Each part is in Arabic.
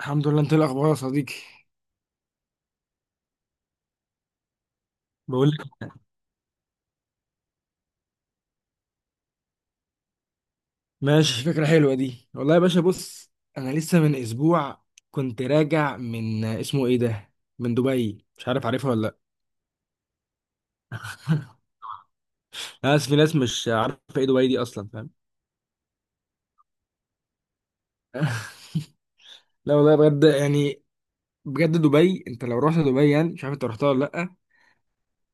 الحمد لله، انت ايه الاخبار يا صديقي؟ بقول لك. ماشي، فكره حلوه دي والله يا باشا. بص، انا لسه من اسبوع كنت راجع من اسمه ايه ده، من دبي. مش عارف عارفها ولا لا. انا اسف، في ناس مش عارفه ايه دبي دي اصلا، فاهم؟ لا والله، بجد يعني. بجد دبي، انت لو رحت دبي يعني مش عارف انت رحتها ولا لا.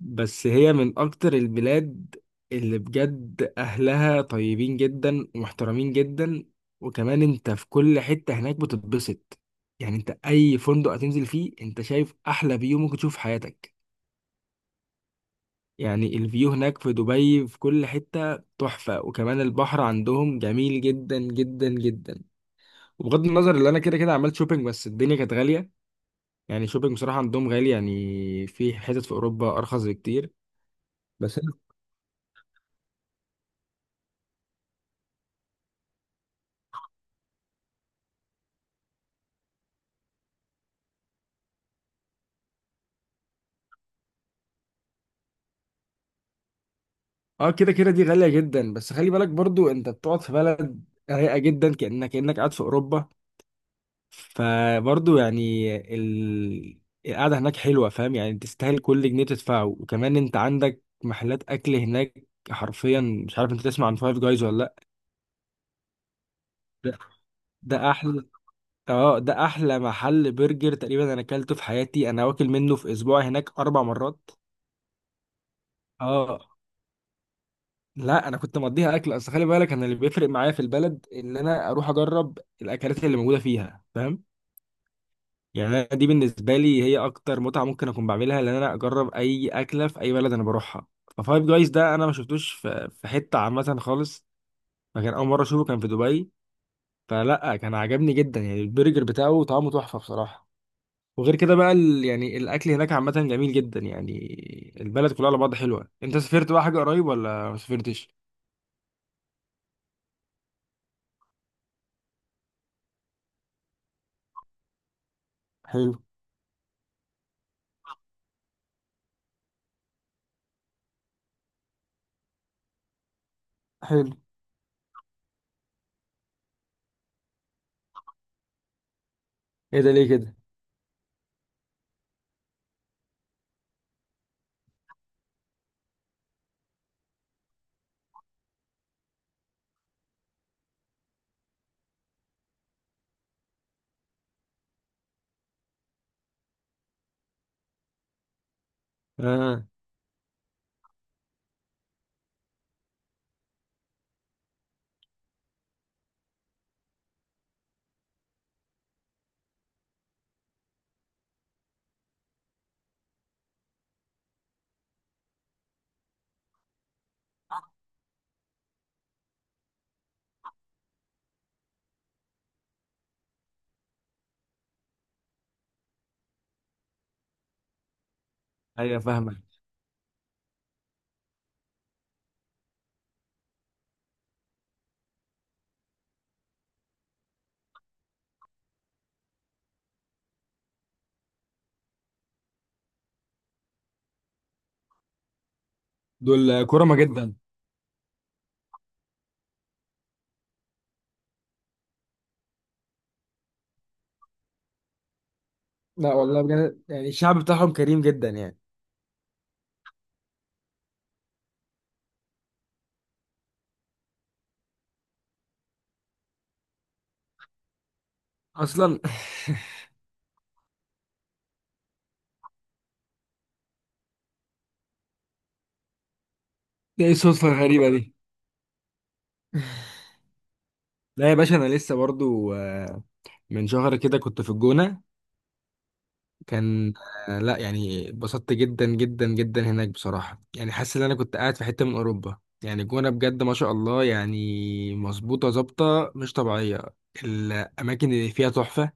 بس هي من اكتر البلاد اللي بجد اهلها طيبين جدا ومحترمين جدا، وكمان انت في كل حتة هناك بتتبسط. يعني انت اي فندق هتنزل فيه انت شايف احلى فيو ممكن تشوف في حياتك. يعني الفيو هناك في دبي في كل حتة تحفة، وكمان البحر عندهم جميل جدا جدا جدا. وبغض النظر اللي انا كده كده عملت شوبينج، بس الدنيا كانت غالية. يعني شوبينج بصراحة عندهم غالي، يعني في حتت في اوروبا ارخص بكتير. بس اه، كده كده دي غالية جدا، بس خلي بالك برضو انت بتقعد في بلد رايقة جدا، كأنك قاعد في أوروبا. فبرضو يعني القعدة هناك حلوة، فاهم؟ يعني تستاهل كل جنيه تدفعه. وكمان انت عندك محلات أكل هناك حرفيا. مش عارف انت تسمع عن فايف جايز ولا لأ؟ ده ده أحلى. اه، ده أحلى محل برجر تقريبا أنا أكلته في حياتي، أنا واكل منه في أسبوع هناك 4 مرات. اه، لا انا كنت مقضيها اكل. اصل خلي بالك انا اللي بيفرق معايا في البلد ان انا اروح اجرب الاكلات اللي موجوده فيها، فاهم؟ يعني أنا دي بالنسبه لي هي اكتر متعه ممكن اكون بعملها، لان انا اجرب اي اكله في اي بلد انا بروحها. ففايف جايز ده انا ما شفتوش في حته عامه خالص. فكان اول مره اشوفه كان في دبي. فلا، كان عجبني جدا. يعني البرجر بتاعه طعمه تحفه بصراحه. وغير كده بقى يعني الاكل هناك عامه جميل جدا يعني. البلد كلها على بعض حلوه. انت سافرت بقى حاجه قريب ولا ما سافرتش؟ حلو. حلو. ايه ده، ليه كده؟ اه، ايوه، فاهمك. دول كرمة جدا. لا والله، بجد يعني الشعب بتاعهم كريم جدا يعني. اصلا. ده ايه الصدفة الغريبة دي؟ لا يا باشا، انا لسه برضو من شهر كده كنت في الجونة. كان لا يعني اتبسطت جدا جدا جدا هناك بصراحة. يعني حاسس ان انا كنت قاعد في حتة من اوروبا. يعني الجونة بجد ما شاء الله يعني. مظبوطة ظابطة مش طبيعية. الاماكن اللي فيها تحفة.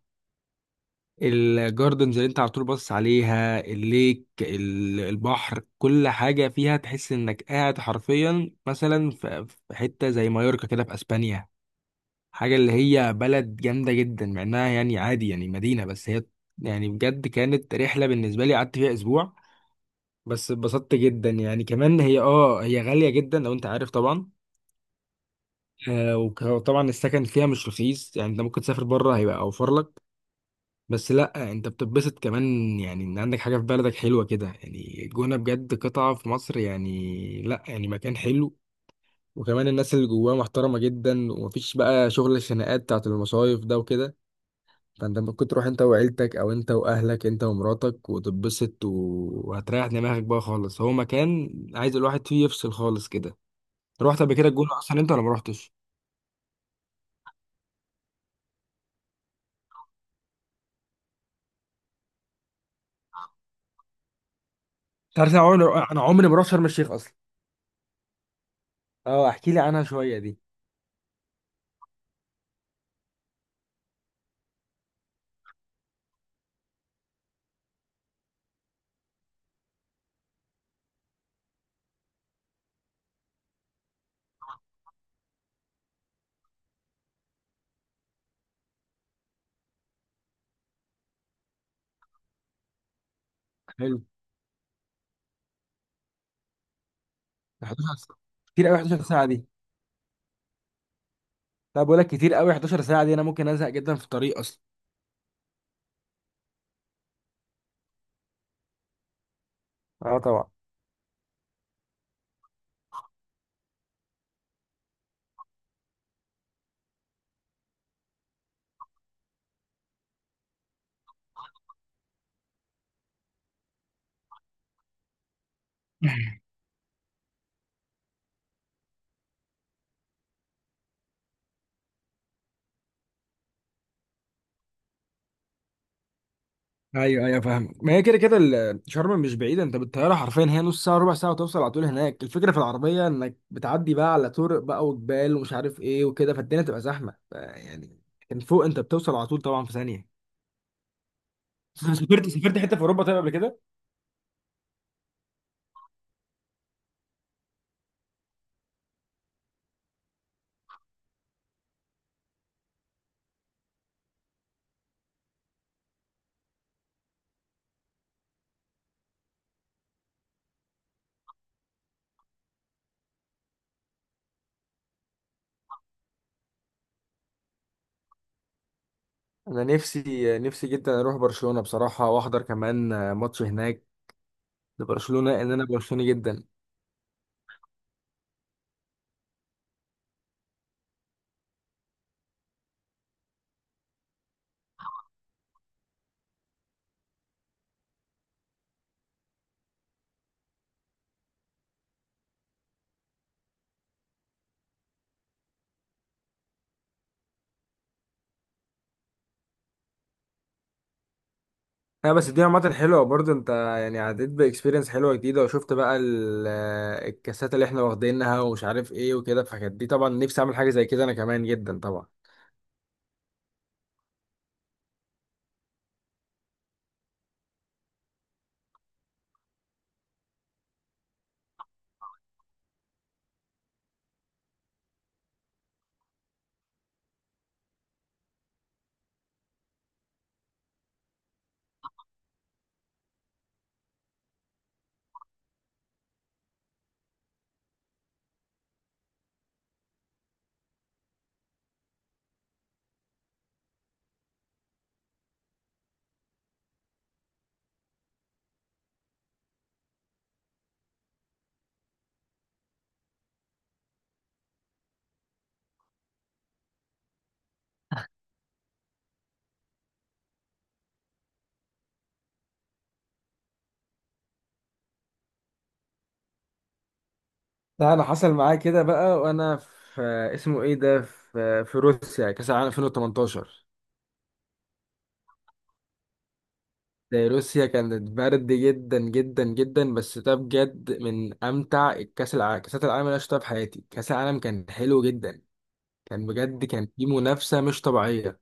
الجاردنز اللي انت على طول باصص عليها، الليك، البحر، كل حاجة فيها تحس انك قاعد حرفيا مثلا في حتة زي مايوركا كده في اسبانيا. حاجة اللي هي بلد جامدة جدا، مع انها يعني عادي يعني مدينة بس هي. يعني بجد كانت رحلة بالنسبة لي، قعدت فيها اسبوع بس اتبسطت جدا. يعني كمان هي غالية جدا لو انت عارف طبعا. وطبعا السكن فيها مش رخيص. يعني انت ممكن تسافر بره هيبقى اوفر لك. بس لا، انت بتتبسط كمان. يعني ان عندك حاجه في بلدك حلوه كده. يعني الجونه بجد قطعه في مصر. يعني لا، يعني مكان حلو. وكمان الناس اللي جواه محترمه جدا ومفيش بقى شغل الخناقات بتاعت المصايف ده وكده. فانت ممكن تروح انت وعيلتك او انت واهلك انت ومراتك وتتبسط، و- وهتريح دماغك بقى خالص. هو مكان عايز الواحد فيه يفصل خالص كده. رحت قبل كده الجونه اصلا انت ولا ما رحتش؟ انت عارف انا عمري ما رحت شرم الشيخ اصلا. اه، احكي لي عنها شويه دي. حلو. 11 ساعة؟ كتير قوي 11 ساعه دي. لا، بقول لك كتير قوي 11 ساعه دي، انا ممكن ازهق جدا في الطريق اصلا. اه طبعا. ايوه، ايوه، فاهمك. ما هي كده كده شرم مش بعيده. انت بالطياره حرفيا هي نص ساعه ربع ساعه وتوصل على طول هناك. الفكره في العربيه انك بتعدي بقى على طرق بقى وجبال ومش عارف ايه وكده، فالدنيا تبقى زحمه، يعني كان فوق انت بتوصل على طول طبعا في ثانيه. سافرت حته في اوروبا طيب قبل كده؟ انا نفسي نفسي جدا اروح برشلونة بصراحة، واحضر كمان ماتش هناك لبرشلونة، ان انا برشلوني جدا. لا بس دي عامة حلوة برضه. انت يعني عديت بإكسبيرينس حلوة جديدة وشفت بقى الكاسات اللي احنا واخدينها ومش عارف ايه وكده، فكانت دي طبعا نفسي اعمل حاجة زي كده انا كمان جدا طبعا. لا، انا حصل معايا كده بقى وانا في اسمه ايه ده في روسيا كأس العالم 2018. ده روسيا كانت برد جدا جدا جدا، بس ده بجد من امتع الكاس العالم كاسات العالم اللي انا شفتها في حياتي. كاس العالم كان حلو جدا. كان بجد في منافسة مش طبيعية.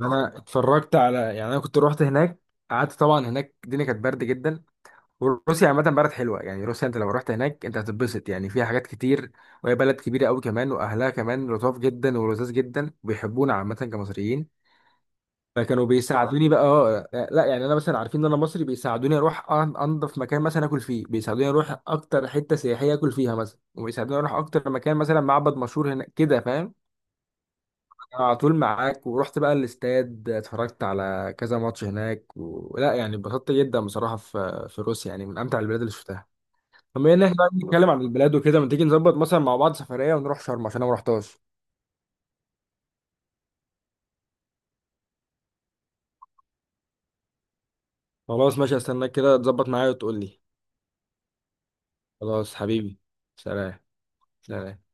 انا اتفرجت على، يعني انا كنت روحت هناك. قعدت طبعا هناك، الدنيا كانت برد جدا. وروسيا عامه بلد حلوه. يعني روسيا انت لو رحت هناك انت هتتبسط، يعني فيها حاجات كتير. وهي بلد كبيره قوي كمان، واهلها كمان لطاف جدا ولذاذ جدا وبيحبونا عامه كمصريين. فكانوا بيساعدوني بقى لا يعني انا مثلا عارفين ان انا مصري بيساعدوني اروح انضف مكان مثلا اكل فيه، بيساعدوني اروح اكتر حته سياحيه اكل فيها مثلا، وبيساعدوني اروح اكتر مكان مثلا معبد مشهور هناك كده فاهم. على طول معاك. ورحت بقى الاستاد اتفرجت على كذا ماتش هناك، ولا يعني اتبسطت جدا بصراحة في روسيا. يعني من أمتع البلاد اللي شفتها. طب بما ان احنا بقى بنتكلم عن البلاد وكده، ما تيجي نظبط مثلا مع بعض سفرية ونروح شرم عشان انا ما رحتهاش؟ خلاص ماشي، استناك كده تظبط معايا وتقول لي. خلاص حبيبي. سلام. سلام.